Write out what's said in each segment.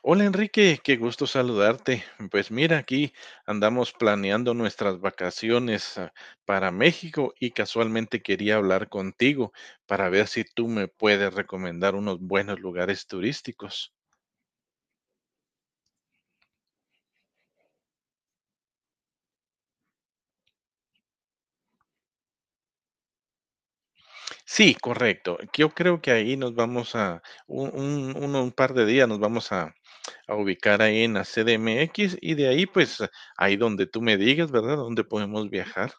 Hola Enrique, qué gusto saludarte. Pues mira, aquí andamos planeando nuestras vacaciones para México y casualmente quería hablar contigo para ver si tú me puedes recomendar unos buenos lugares turísticos. Sí, correcto. Yo creo que ahí nos vamos a un par de días, nos vamos a ubicar ahí en la CDMX y de ahí, pues, ahí donde tú me digas, ¿verdad? Dónde podemos viajar.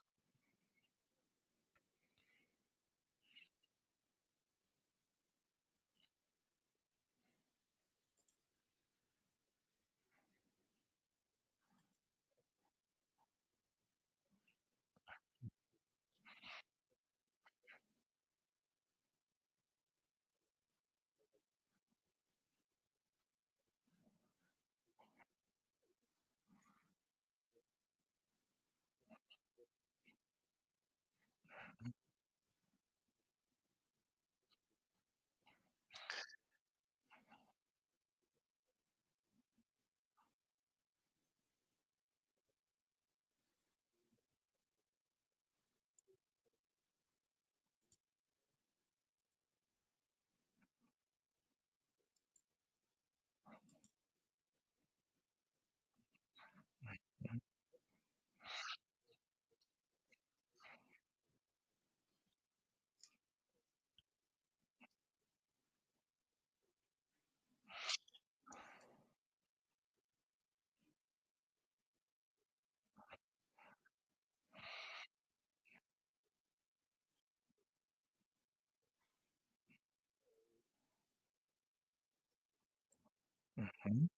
Ujú,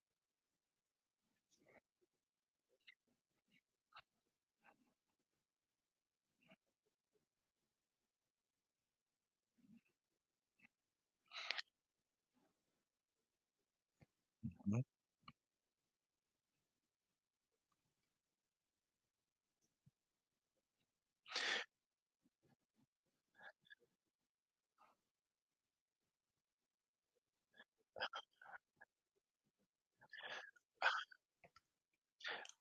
ujú.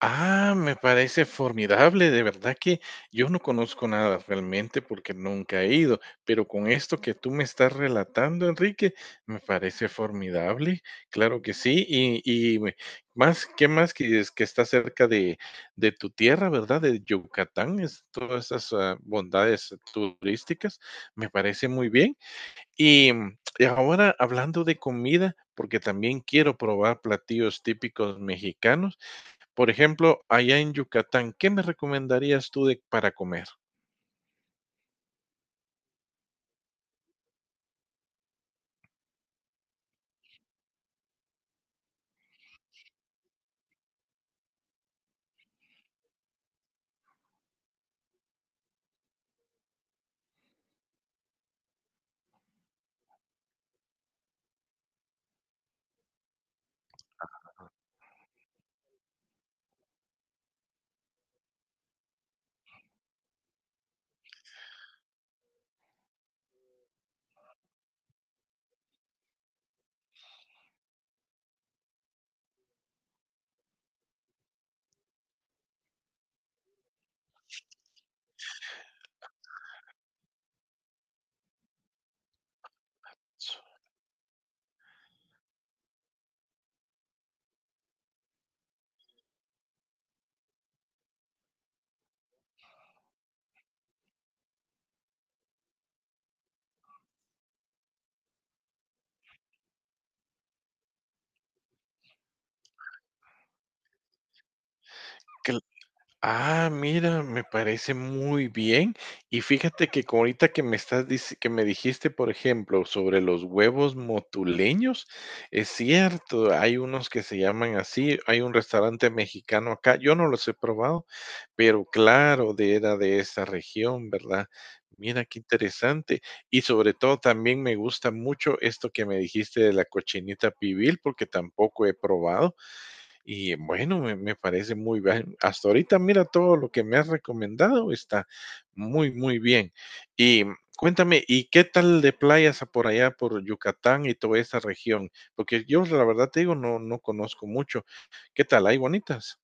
Ah, me parece formidable, de verdad que yo no conozco nada realmente porque nunca he ido, pero con esto que tú me estás relatando, Enrique, me parece formidable, claro que sí, y, y me- más, ¿qué más que es que está cerca de tu tierra, ¿verdad? De Yucatán, es, todas esas bondades turísticas, me parece muy bien. Y, y ahora hablando de comida, porque también quiero probar platillos típicos mexicanos. Por ejemplo, allá en Yucatán, ¿qué me recomendarías tú de, para comer? Ah, mira, me parece muy bien. Y fíjate que co- ahorita que me estás dic- que me dijiste, por ejemplo, sobre los huevos motuleños, es cierto, hay unos que se llaman así, hay un restaurante mexicano acá, yo no los he probado, pero claro, de era de esa región, ¿verdad? Mira qué interesante. Y sobre todo también me gusta mucho esto que me dijiste de la cochinita pibil, porque tampoco he probado. Y bueno, me parece muy bien. Hasta ahorita, mira, todo lo que me has recomendado está muy, muy bien. Y cuéntame, ¿y qué tal de playas por allá, por Yucatán y toda esa región? Porque yo, la verdad te digo, no, no conozco mucho. ¿Qué tal? ¿Hay bonitas?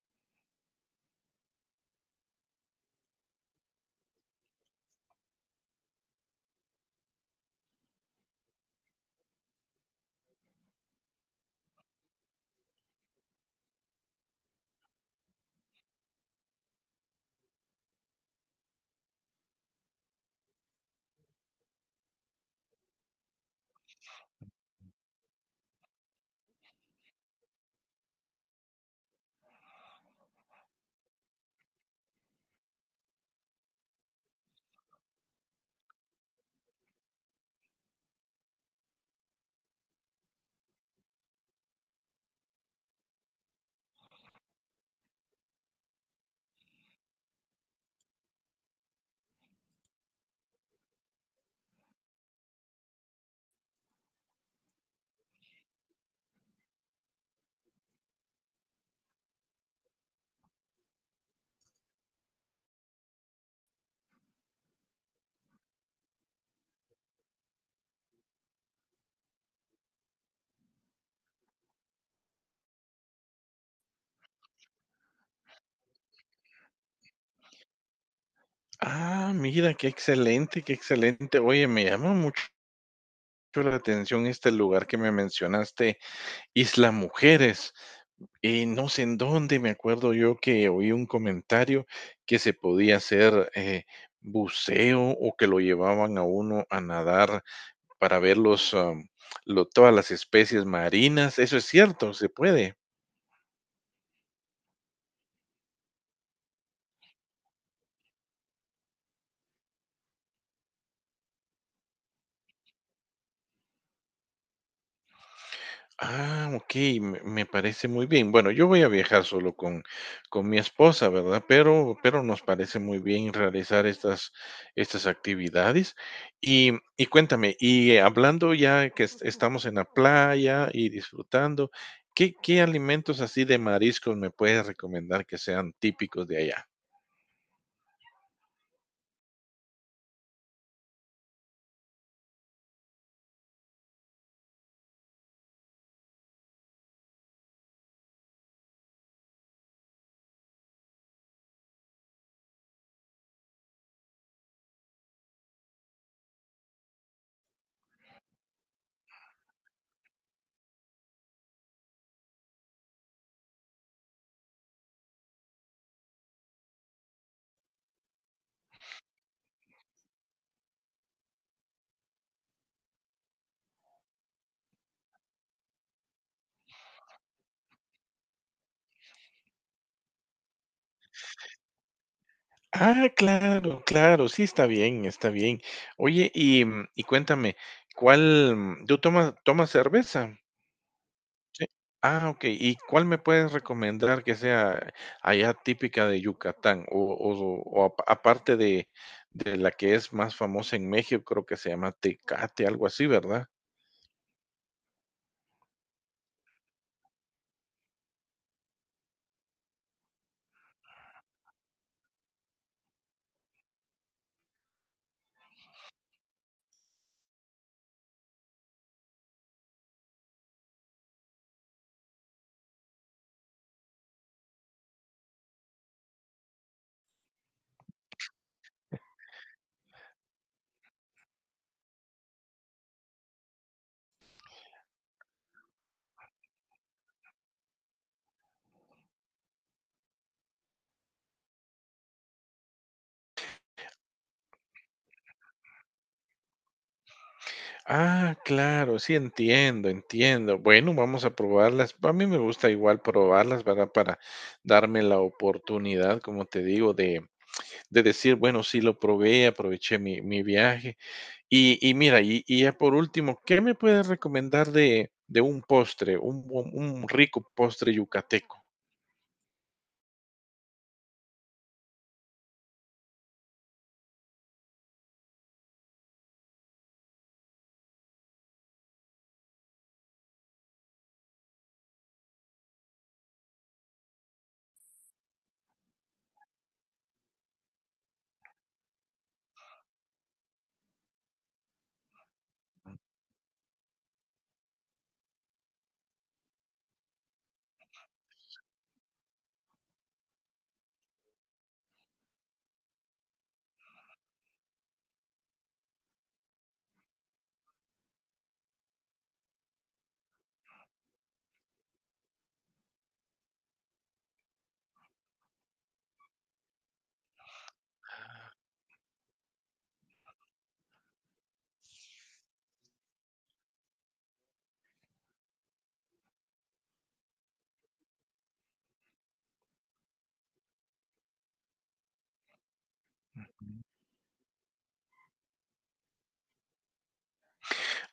Ah, mira, qué excelente, qué excelente. Oye, me llama mucho la atención este lugar que me mencionaste, Isla Mujeres. Y no sé en dónde, me acuerdo yo que oí un comentario que se podía hacer buceo o que lo llevaban a uno a nadar para ver todas las especies marinas. Eso es cierto, se puede. Ah, ok, me parece muy bien. Bueno, yo voy a viajar solo con mi esposa, ¿verdad? Pero nos parece muy bien realizar estas estas actividades. Y y cuéntame, y hablando ya que es estamos en la playa y disfrutando, ¿qué qué alimentos así de mariscos me puedes recomendar que sean típicos de allá? Ah, claro, claro, sí, está bien, está bien. Oye, y, y cuéntame, ¿cuál, tú tomas, tomas cerveza? Ah, ok. ¿Y cuál me puedes recomendar que sea allá típica de Yucatán? O, aparte de la que es más famosa en México, creo que se llama Tecate, algo así, ¿verdad? Ah, claro, sí, entiendo, entiendo. Bueno, vamos a probarlas. A mí me gusta igual probarlas, ¿verdad? Para darme la oportunidad, como te digo, de decir, bueno, sí lo probé, aproveché mi, mi viaje. Y mira, y ya por último, ¿qué me puedes recomendar de un postre, un rico postre yucateco?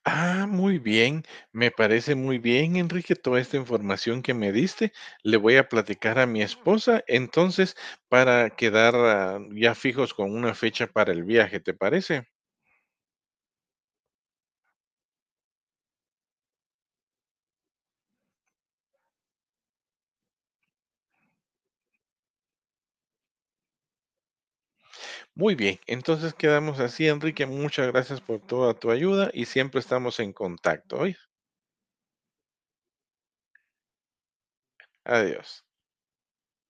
Ah, muy bien, me parece muy bien, Enrique, toda esta información que me diste. Le voy a platicar a mi esposa, entonces, para quedar ya fijos con una fecha para el viaje, ¿te parece? Muy bien, entonces quedamos así, Enrique. Muchas gracias por toda tu ayuda y siempre estamos en contacto. ¿Oíste? Adiós.